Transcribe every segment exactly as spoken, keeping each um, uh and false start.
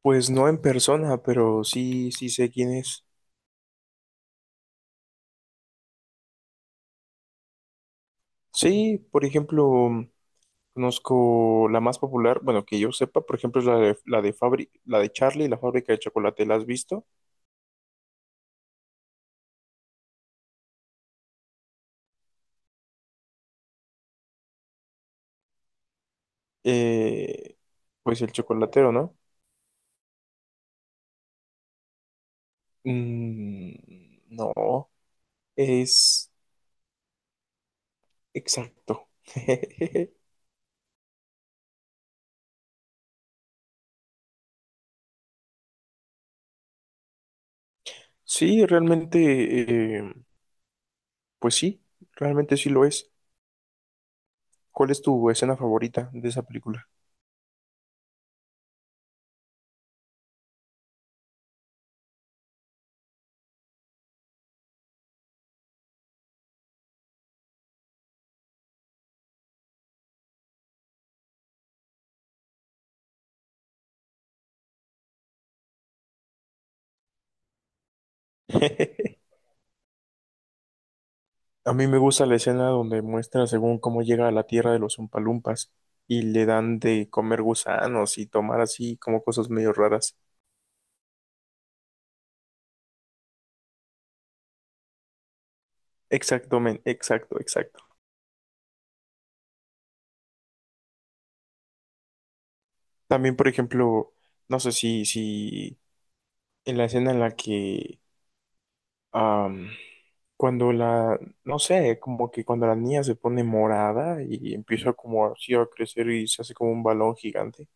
Pues no en persona, pero sí, sí sé quién es. Sí, por ejemplo, mm, conozco la más popular, bueno, que yo sepa, por ejemplo, es la de, la de Fabri- la de Charlie, y la fábrica de chocolate, ¿la has visto? Eh, pues el chocolatero, ¿no? Mm, no, es exacto. Sí, realmente, eh, pues sí, realmente sí lo es. ¿Cuál es tu escena favorita de esa película? A mí me gusta la escena donde muestra según cómo llega a la tierra de los Umpalumpas y le dan de comer gusanos y tomar así como cosas medio raras. Exacto, men, exacto, exacto. También, por ejemplo, no sé si, si en la escena en la que am, cuando la, no sé, como que cuando la niña se pone morada y empieza como así a crecer y se hace como un balón gigante.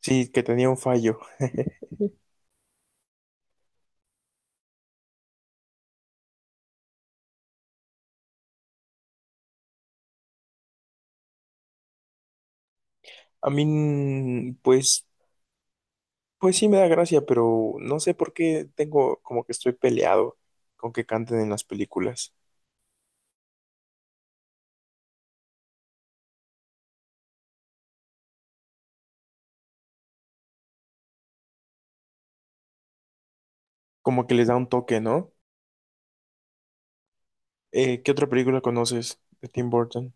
Sí, que tenía un fallo. A mí, mm, pues. Pues sí me da gracia, pero no sé por qué tengo como que estoy peleado con que canten en las películas. Como que les da un toque, ¿no? Eh, ¿qué otra película conoces de Tim Burton?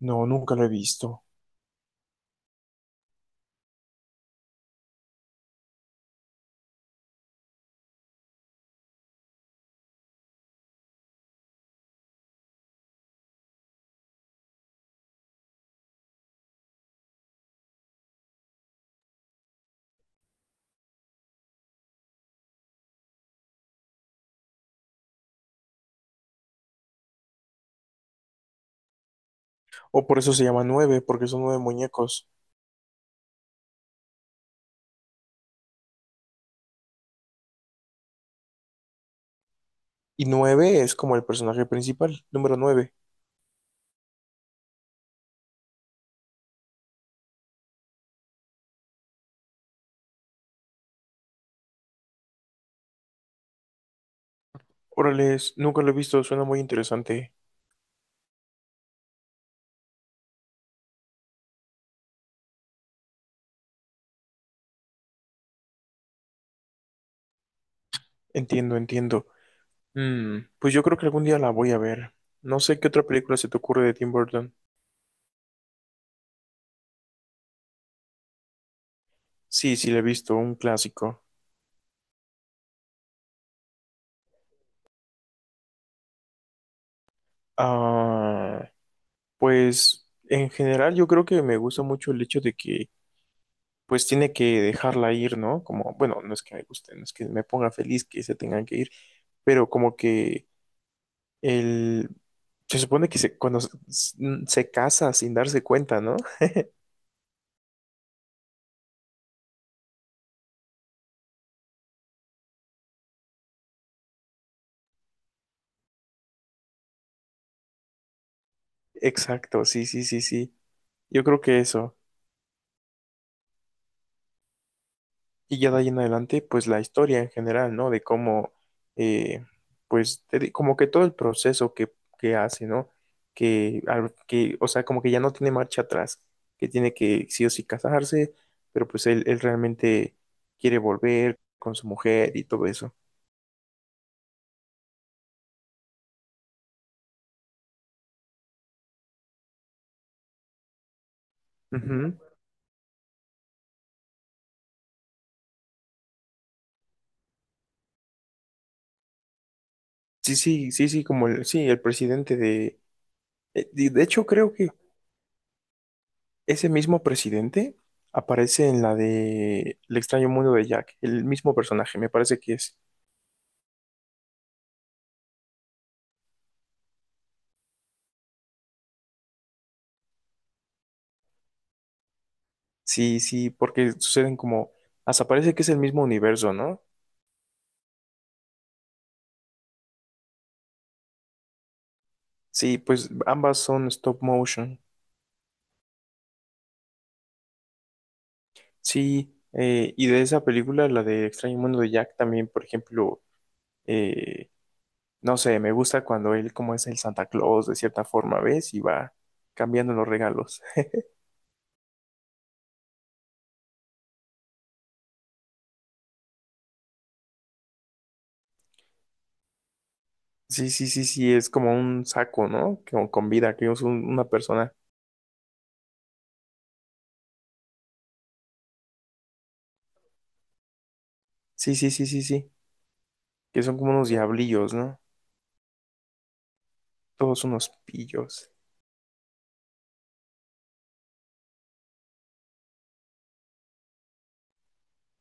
No, nunca lo he visto. O por eso se llama Nueve, porque son nueve muñecos. Y Nueve es como el personaje principal, número nueve. Órale, es- nunca lo he visto, suena muy interesante. Entiendo, entiendo. Mm, pues yo creo que algún día la voy a ver. No sé qué otra película se te ocurre de Tim Burton. Sí, sí, la he visto, un clásico. Ah, pues en general yo creo que me gusta mucho el hecho de que pues tiene que dejarla ir, ¿no? Como, bueno, no es que me guste, no es que me ponga feliz que se tengan que ir, pero como que el. Se supone que se, cuando se, se casa sin darse cuenta, ¿no? Exacto, sí, sí, sí, sí. Yo creo que eso. Y ya de ahí en adelante, pues la historia en general, ¿no? De cómo, eh, pues, te di- como que todo el proceso que, que hace, ¿no? Que, al- que, o sea, como que ya no tiene marcha atrás, que tiene que sí o sí casarse, pero pues él, él realmente quiere volver con su mujer y todo eso. Ujú. Sí, sí, sí, sí, como el, sí, el presidente de, eh, de, de hecho creo que ese mismo presidente aparece en la de El extraño mundo de Jack, el mismo personaje, me parece que es. Sí, sí, porque suceden como, hasta parece que es el mismo universo, ¿no? Sí, pues ambas son stop motion. Sí, eh, y de esa película, la de Extraño Mundo de Jack, también, por ejemplo, eh, no sé, me gusta cuando él como es el Santa Claus, de cierta forma, ¿ves? Y va cambiando los regalos. Sí, sí, sí, sí, es como un saco, ¿no? Con, con vida, que es un- una persona. Sí, sí, sí, sí, sí, que son como unos diablillos, ¿no? Todos unos pillos.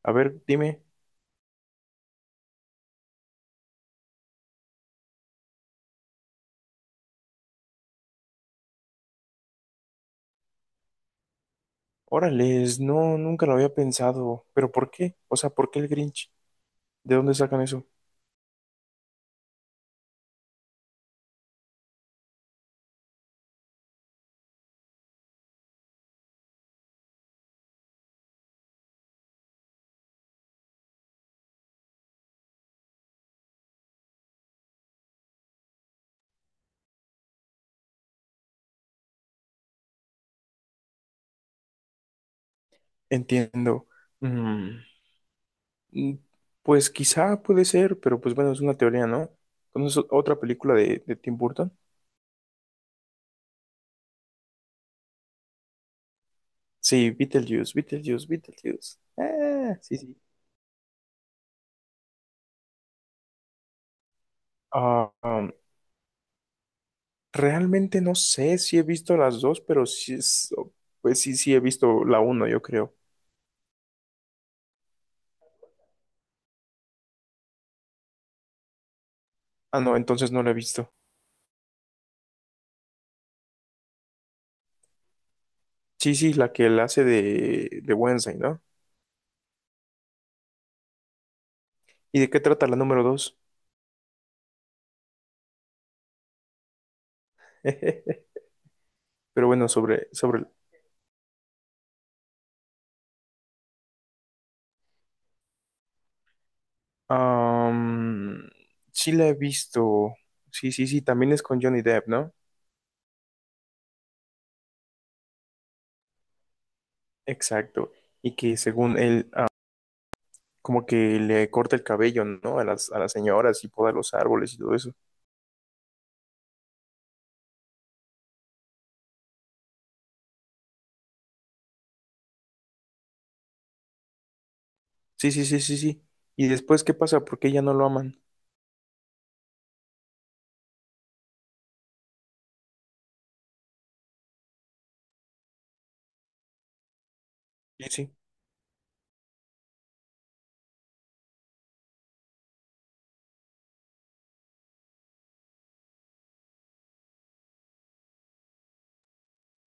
A ver, dime. Órales, no, nunca lo había pensado. ¿Pero por qué? O sea, ¿por qué el Grinch? ¿De dónde sacan eso? Entiendo. Mm, mm, pues quizá puede ser, pero pues bueno, es una teoría, ¿no? ¿Conoces otra película de, de Tim Burton? Sí, Beetlejuice, Beetlejuice, Beetlejuice. Ah, sí, sí. Ah, um, realmente no sé si he visto las dos, pero sí es, pues sí, sí he visto la uno, yo creo. Ah, no, entonces no la he visto. Sí, sí, la que él hace de, de Wednesday, ¿no? ¿Y de qué trata la número dos? Pero bueno, sobre, sobre, am, sí la he visto. Sí, sí, sí, también es con Johnny Depp, ¿no? Exacto. Y que según él, ah, como que le corta el cabello, ¿no? A las, a las señoras y poda los árboles y todo eso. Sí, sí, sí, sí, sí. Y después, ¿qué pasa? ¿Por qué ya no lo aman? Sí, sí,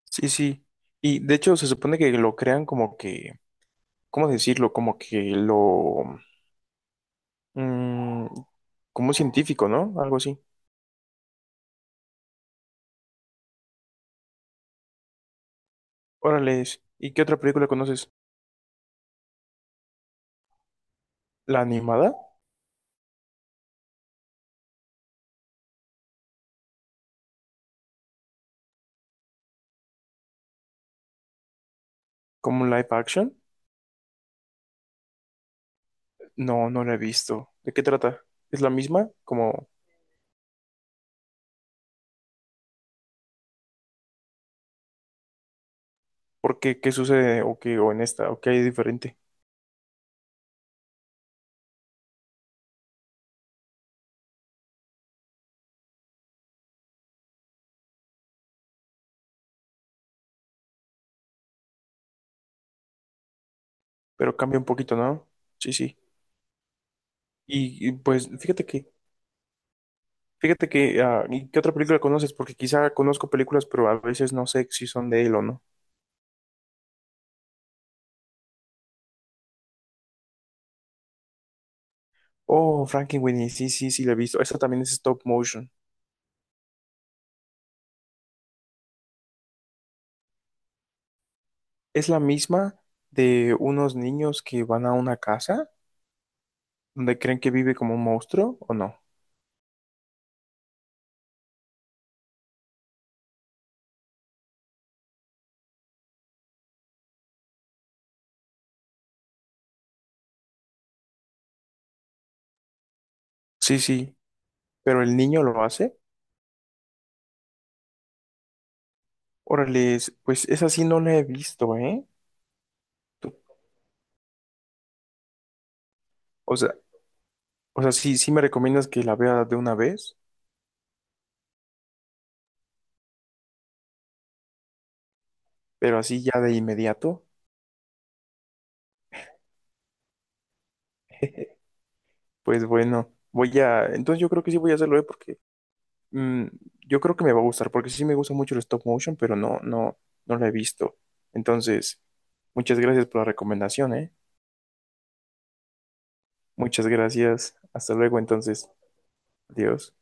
sí, sí. Y de hecho, se supone que lo crean como que, ¿cómo decirlo? Como que lo, mm, como un científico, ¿no? Algo así. Órale. ¿Y qué otra película conoces? ¿La animada? ¿Como un live action? No, no la he visto. ¿De qué trata? ¿Es la misma? Como, ¿por qué? ¿Qué sucede? ¿O qué? ¿O en esta? ¿O qué hay diferente? Pero cambia un poquito, ¿no? Sí, sí. Y, y, pues, fíjate que, fíjate que, ah, ¿y qué otra película conoces? Porque quizá conozco películas, pero a veces no sé si son de él o no. Oh, Frankenweenie, sí, sí, sí, la he visto. Esta también es stop motion. Es la misma de unos niños que van a una casa donde creen que vive como un monstruo, ¿o no? Sí, sí, pero el niño lo hace. Órale, pues esa sí no la he visto, ¿eh? Tú- o sea, o sea, sí, sí me recomiendas que la vea de una vez, pero así ya de inmediato. Pues bueno, voy a, entonces yo creo que sí voy a hacerlo, ¿eh? Porque mm, yo creo que me va a gustar, porque sí me gusta mucho el stop motion, pero no, no, no la he visto. Entonces, muchas gracias por la recomendación, ¿eh? Muchas gracias. Hasta luego, entonces. Adiós.